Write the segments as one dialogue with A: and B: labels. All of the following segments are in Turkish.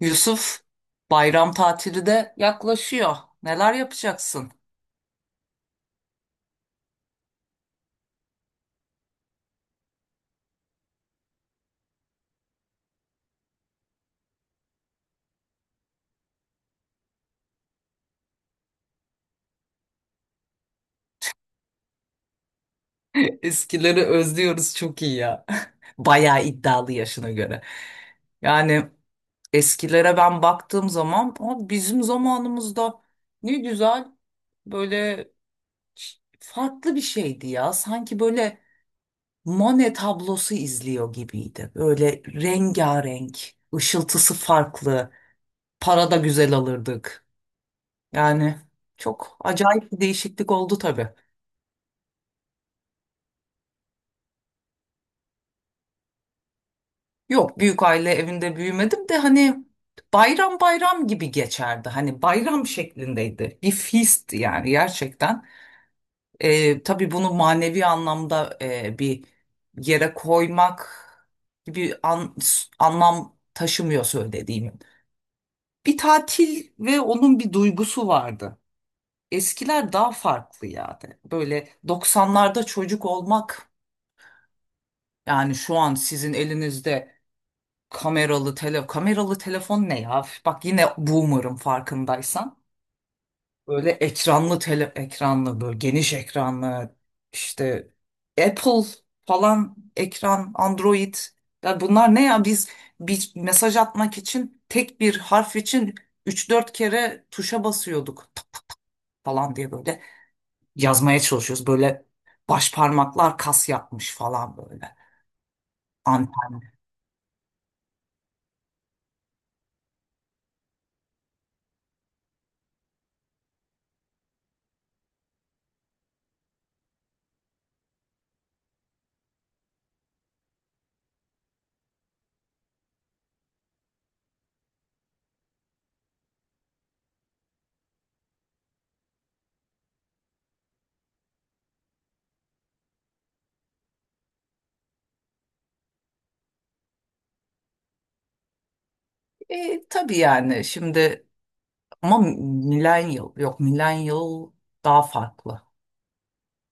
A: Yusuf, bayram tatili de yaklaşıyor. Neler yapacaksın? Eskileri özlüyoruz, çok iyi ya. Bayağı iddialı yaşına göre. Yani eskilere ben baktığım zaman, "Aa, bizim zamanımızda ne güzel böyle farklı bir şeydi ya. Sanki böyle Monet tablosu izliyor gibiydi. Böyle rengarenk, ışıltısı farklı. Para da güzel alırdık. Yani çok acayip bir değişiklik oldu tabii." Yok, büyük aile evinde büyümedim de hani bayram bayram gibi geçerdi. Hani bayram şeklindeydi. Bir feast yani gerçekten. Tabii bunu manevi anlamda bir yere koymak gibi anlam taşımıyor söylediğimin. Bir tatil ve onun bir duygusu vardı. Eskiler daha farklı yani. Böyle 90'larda çocuk olmak, yani şu an sizin elinizde kameralı telefon ne ya? Üf, bak yine boomer'ım farkındaysan. Böyle ekranlı, böyle geniş ekranlı, işte Apple falan ekran, Android. Ya bunlar ne ya, biz bir mesaj atmak için tek bir harf için üç dört kere tuşa basıyorduk, tak tak tak falan diye böyle yazmaya çalışıyoruz. Böyle baş parmaklar kas yapmış falan böyle. Anten. Tabii yani şimdi, ama millennial, yok millennial daha farklı.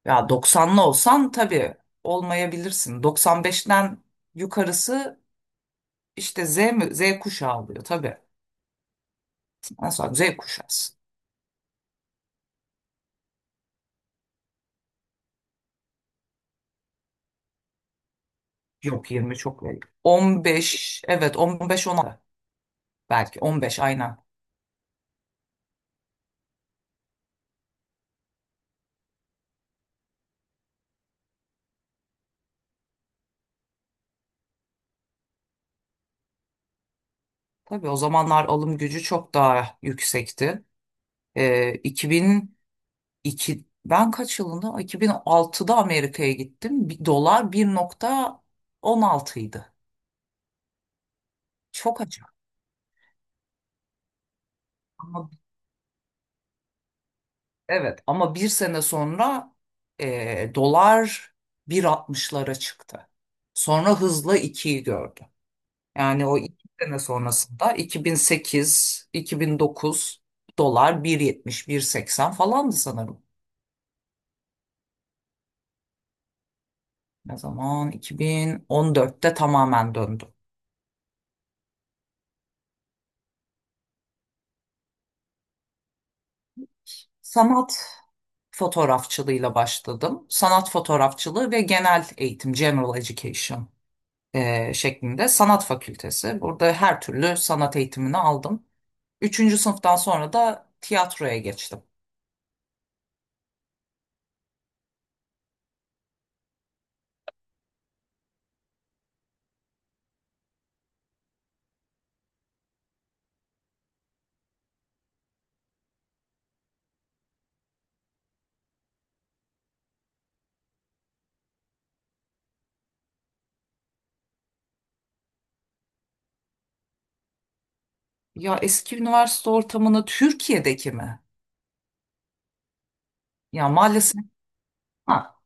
A: Ya 90'lı olsan tabii olmayabilirsin. 95'ten yukarısı işte, Z mi? Z kuşağı oluyor tabii. Mesela Z kuşağısı. Yok, 20 çok belli. 15, evet, 15, 16, belki 15, aynen. Tabii o zamanlar alım gücü çok daha yüksekti. 2002, ben kaç yılında? 2006'da Amerika'ya gittim. Dolar 1.16 idi. Çok. Ama- evet, ama bir sene sonra dolar 1.60'lara çıktı. Sonra hızla 2'yi gördü. Yani o 2 sene sonrasında, 2008, 2009 dolar 1.70, 1.80 falandı sanırım. Ne zaman? 2014'te tamamen döndü. Sanat fotoğrafçılığıyla başladım. Sanat fotoğrafçılığı ve genel eğitim, general education şeklinde sanat fakültesi. Burada her türlü sanat eğitimini aldım. Üçüncü sınıftan sonra da tiyatroya geçtim. Ya eski üniversite ortamını Türkiye'deki mi? Ya maalesef, ha,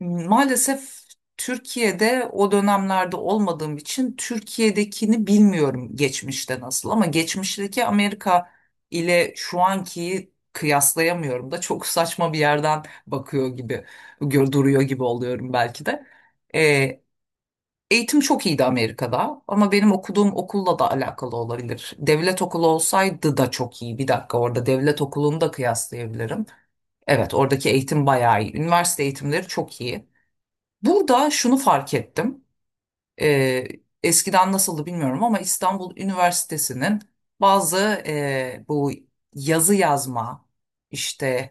A: maalesef Türkiye'de o dönemlerde olmadığım için Türkiye'dekini bilmiyorum geçmişte nasıl, ama geçmişteki Amerika ile şu ankiyi kıyaslayamıyorum da, çok saçma bir yerden bakıyor gibi, duruyor gibi oluyorum belki de. Eğitim çok iyiydi Amerika'da, ama benim okuduğum okulla da alakalı olabilir. Devlet okulu olsaydı da çok iyi. Bir dakika, orada devlet okulunu da kıyaslayabilirim. Evet, oradaki eğitim bayağı iyi. Üniversite eğitimleri çok iyi. Burada şunu fark ettim. Ee, Eskiden nasıldı bilmiyorum, ama İstanbul Üniversitesi'nin bazı, bu yazı yazma, işte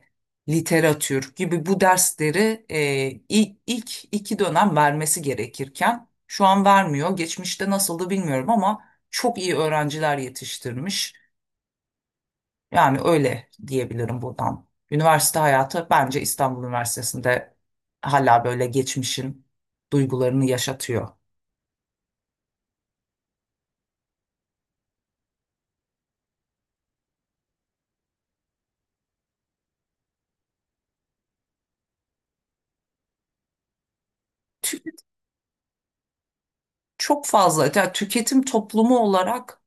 A: literatür gibi bu dersleri, ilk 2 dönem vermesi gerekirken şu an vermiyor. Geçmişte nasıldı bilmiyorum, ama çok iyi öğrenciler yetiştirmiş. Yani öyle diyebilirim buradan. Üniversite hayatı bence İstanbul Üniversitesi'nde hala böyle geçmişin duygularını yaşatıyor. Tü- Çok fazla, yani tüketim toplumu olarak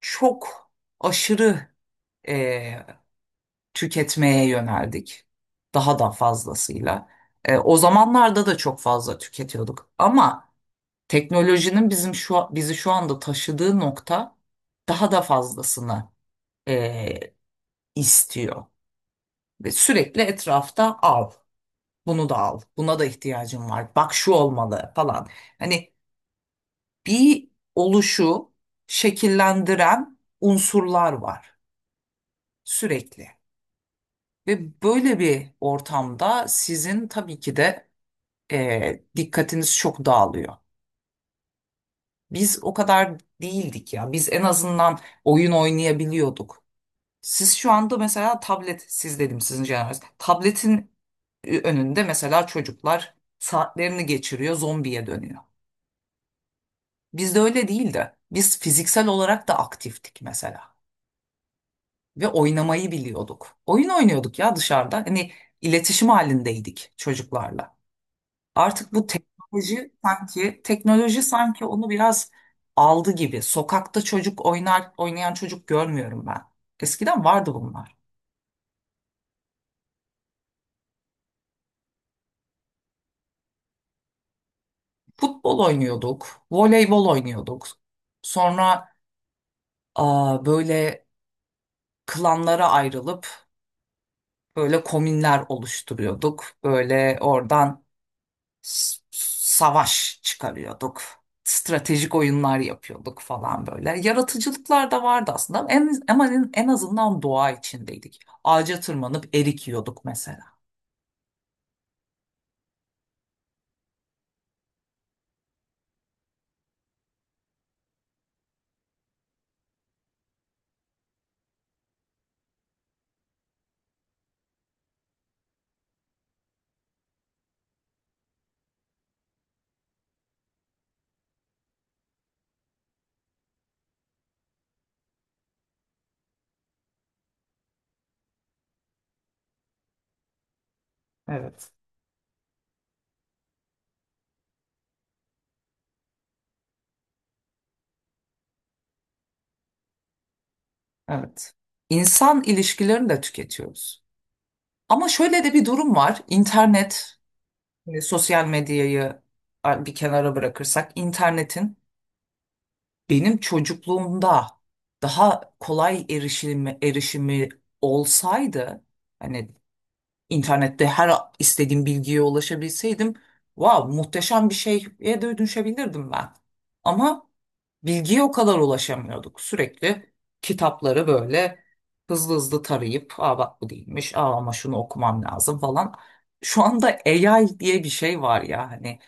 A: çok aşırı tüketmeye yöneldik. Daha da fazlasıyla. O zamanlarda da çok fazla tüketiyorduk. Ama teknolojinin bizi şu anda taşıdığı nokta, daha da fazlasını e, istiyor. Ve sürekli etrafta, al, bunu da al, buna da ihtiyacım var. Bak şu olmalı falan. Hani bir oluşu şekillendiren unsurlar var sürekli. Ve böyle bir ortamda sizin tabii ki de dikkatiniz çok dağılıyor. Biz o kadar değildik ya. Biz en azından oyun oynayabiliyorduk. Siz şu anda mesela tablet, siz dedim sizin jenerasyon. Tabletin önünde mesela çocuklar saatlerini geçiriyor, zombiye dönüyor. Bizde öyle değildi. Biz fiziksel olarak da aktiftik mesela. Ve oynamayı biliyorduk. Oyun oynuyorduk ya dışarıda. Hani iletişim halindeydik çocuklarla. Artık bu teknoloji sanki onu biraz aldı gibi. Sokakta çocuk oynayan çocuk görmüyorum ben. Eskiden vardı bunlar. Futbol oynuyorduk, voleybol oynuyorduk. Sonra böyle klanlara ayrılıp böyle komünler oluşturuyorduk. Böyle oradan savaş çıkarıyorduk. Stratejik oyunlar yapıyorduk falan böyle. Yaratıcılıklar da vardı aslında, ama en azından doğa içindeydik. Ağaca tırmanıp erik yiyorduk mesela. Evet. Evet. İnsan ilişkilerini de tüketiyoruz. Ama şöyle de bir durum var. İnternet, sosyal medyayı bir kenara bırakırsak, internetin benim çocukluğumda daha kolay erişimi olsaydı, hani internette her istediğim bilgiye ulaşabilseydim, wow, muhteşem bir şeye de dönüşebilirdim ben. Ama bilgiye o kadar ulaşamıyorduk. Sürekli kitapları böyle hızlı hızlı tarayıp, aa bak bu değilmiş, aa ama şunu okumam lazım falan. Şu anda AI diye bir şey var ya hani.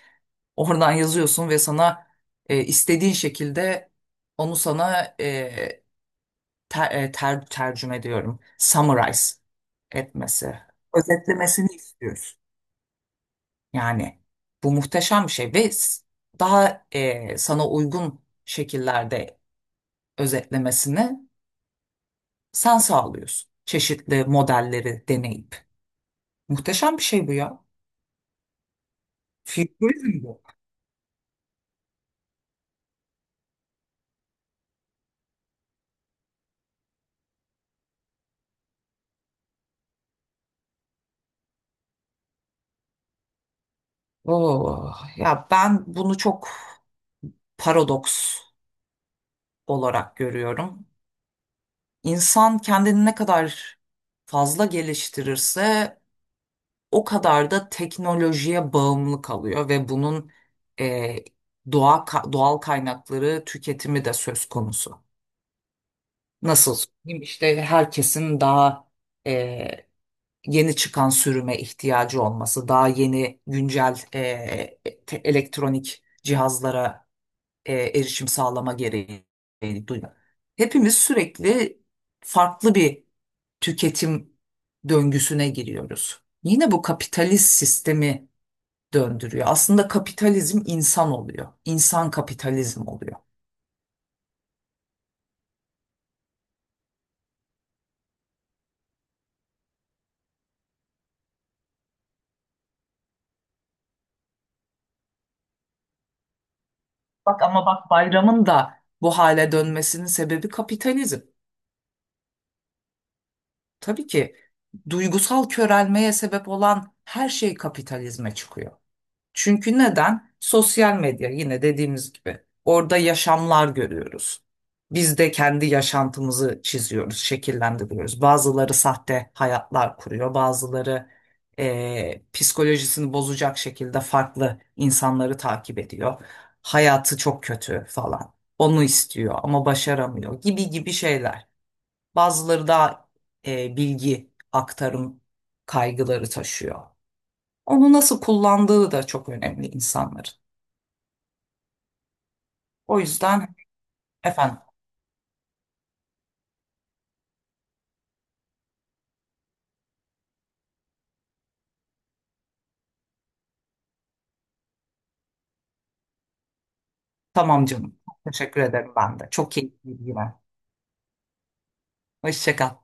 A: Oradan yazıyorsun ve sana istediğin şekilde onu sana tercüme diyorum. Summarize etmesi, özetlemesini istiyoruz. Yani bu muhteşem bir şey ve daha sana uygun şekillerde özetlemesini sen sağlıyorsun. Çeşitli modelleri deneyip. Muhteşem bir şey bu ya. Futurizm bu. Oo, ya ben bunu çok paradoks olarak görüyorum. İnsan kendini ne kadar fazla geliştirirse o kadar da teknolojiye bağımlı kalıyor, ve bunun e, doğal kaynakları tüketimi de söz konusu. Nasıl söyleyeyim? İşte herkesin daha e, yeni çıkan sürüme ihtiyacı olması, daha yeni güncel elektronik cihazlara erişim sağlama gereği duyuyor. Hepimiz sürekli farklı bir tüketim döngüsüne giriyoruz. Yine bu kapitalist sistemi döndürüyor. Aslında kapitalizm insan oluyor. İnsan kapitalizm oluyor. Bak, ama bak, bayramın da bu hale dönmesinin sebebi kapitalizm. Tabii ki duygusal körelmeye sebep olan her şey kapitalizme çıkıyor. Çünkü neden? Sosyal medya, yine dediğimiz gibi, orada yaşamlar görüyoruz. Biz de kendi yaşantımızı çiziyoruz, şekillendiriyoruz. Bazıları sahte hayatlar kuruyor, bazıları psikolojisini bozacak şekilde farklı insanları takip ediyor. Hayatı çok kötü falan. Onu istiyor ama başaramıyor, gibi gibi şeyler. Bazıları daha bilgi aktarım kaygıları taşıyor. Onu nasıl kullandığı da çok önemli insanların. O yüzden efendim. Tamam canım. Teşekkür ederim ben de. Çok keyifliydi yine. Hoşça kal.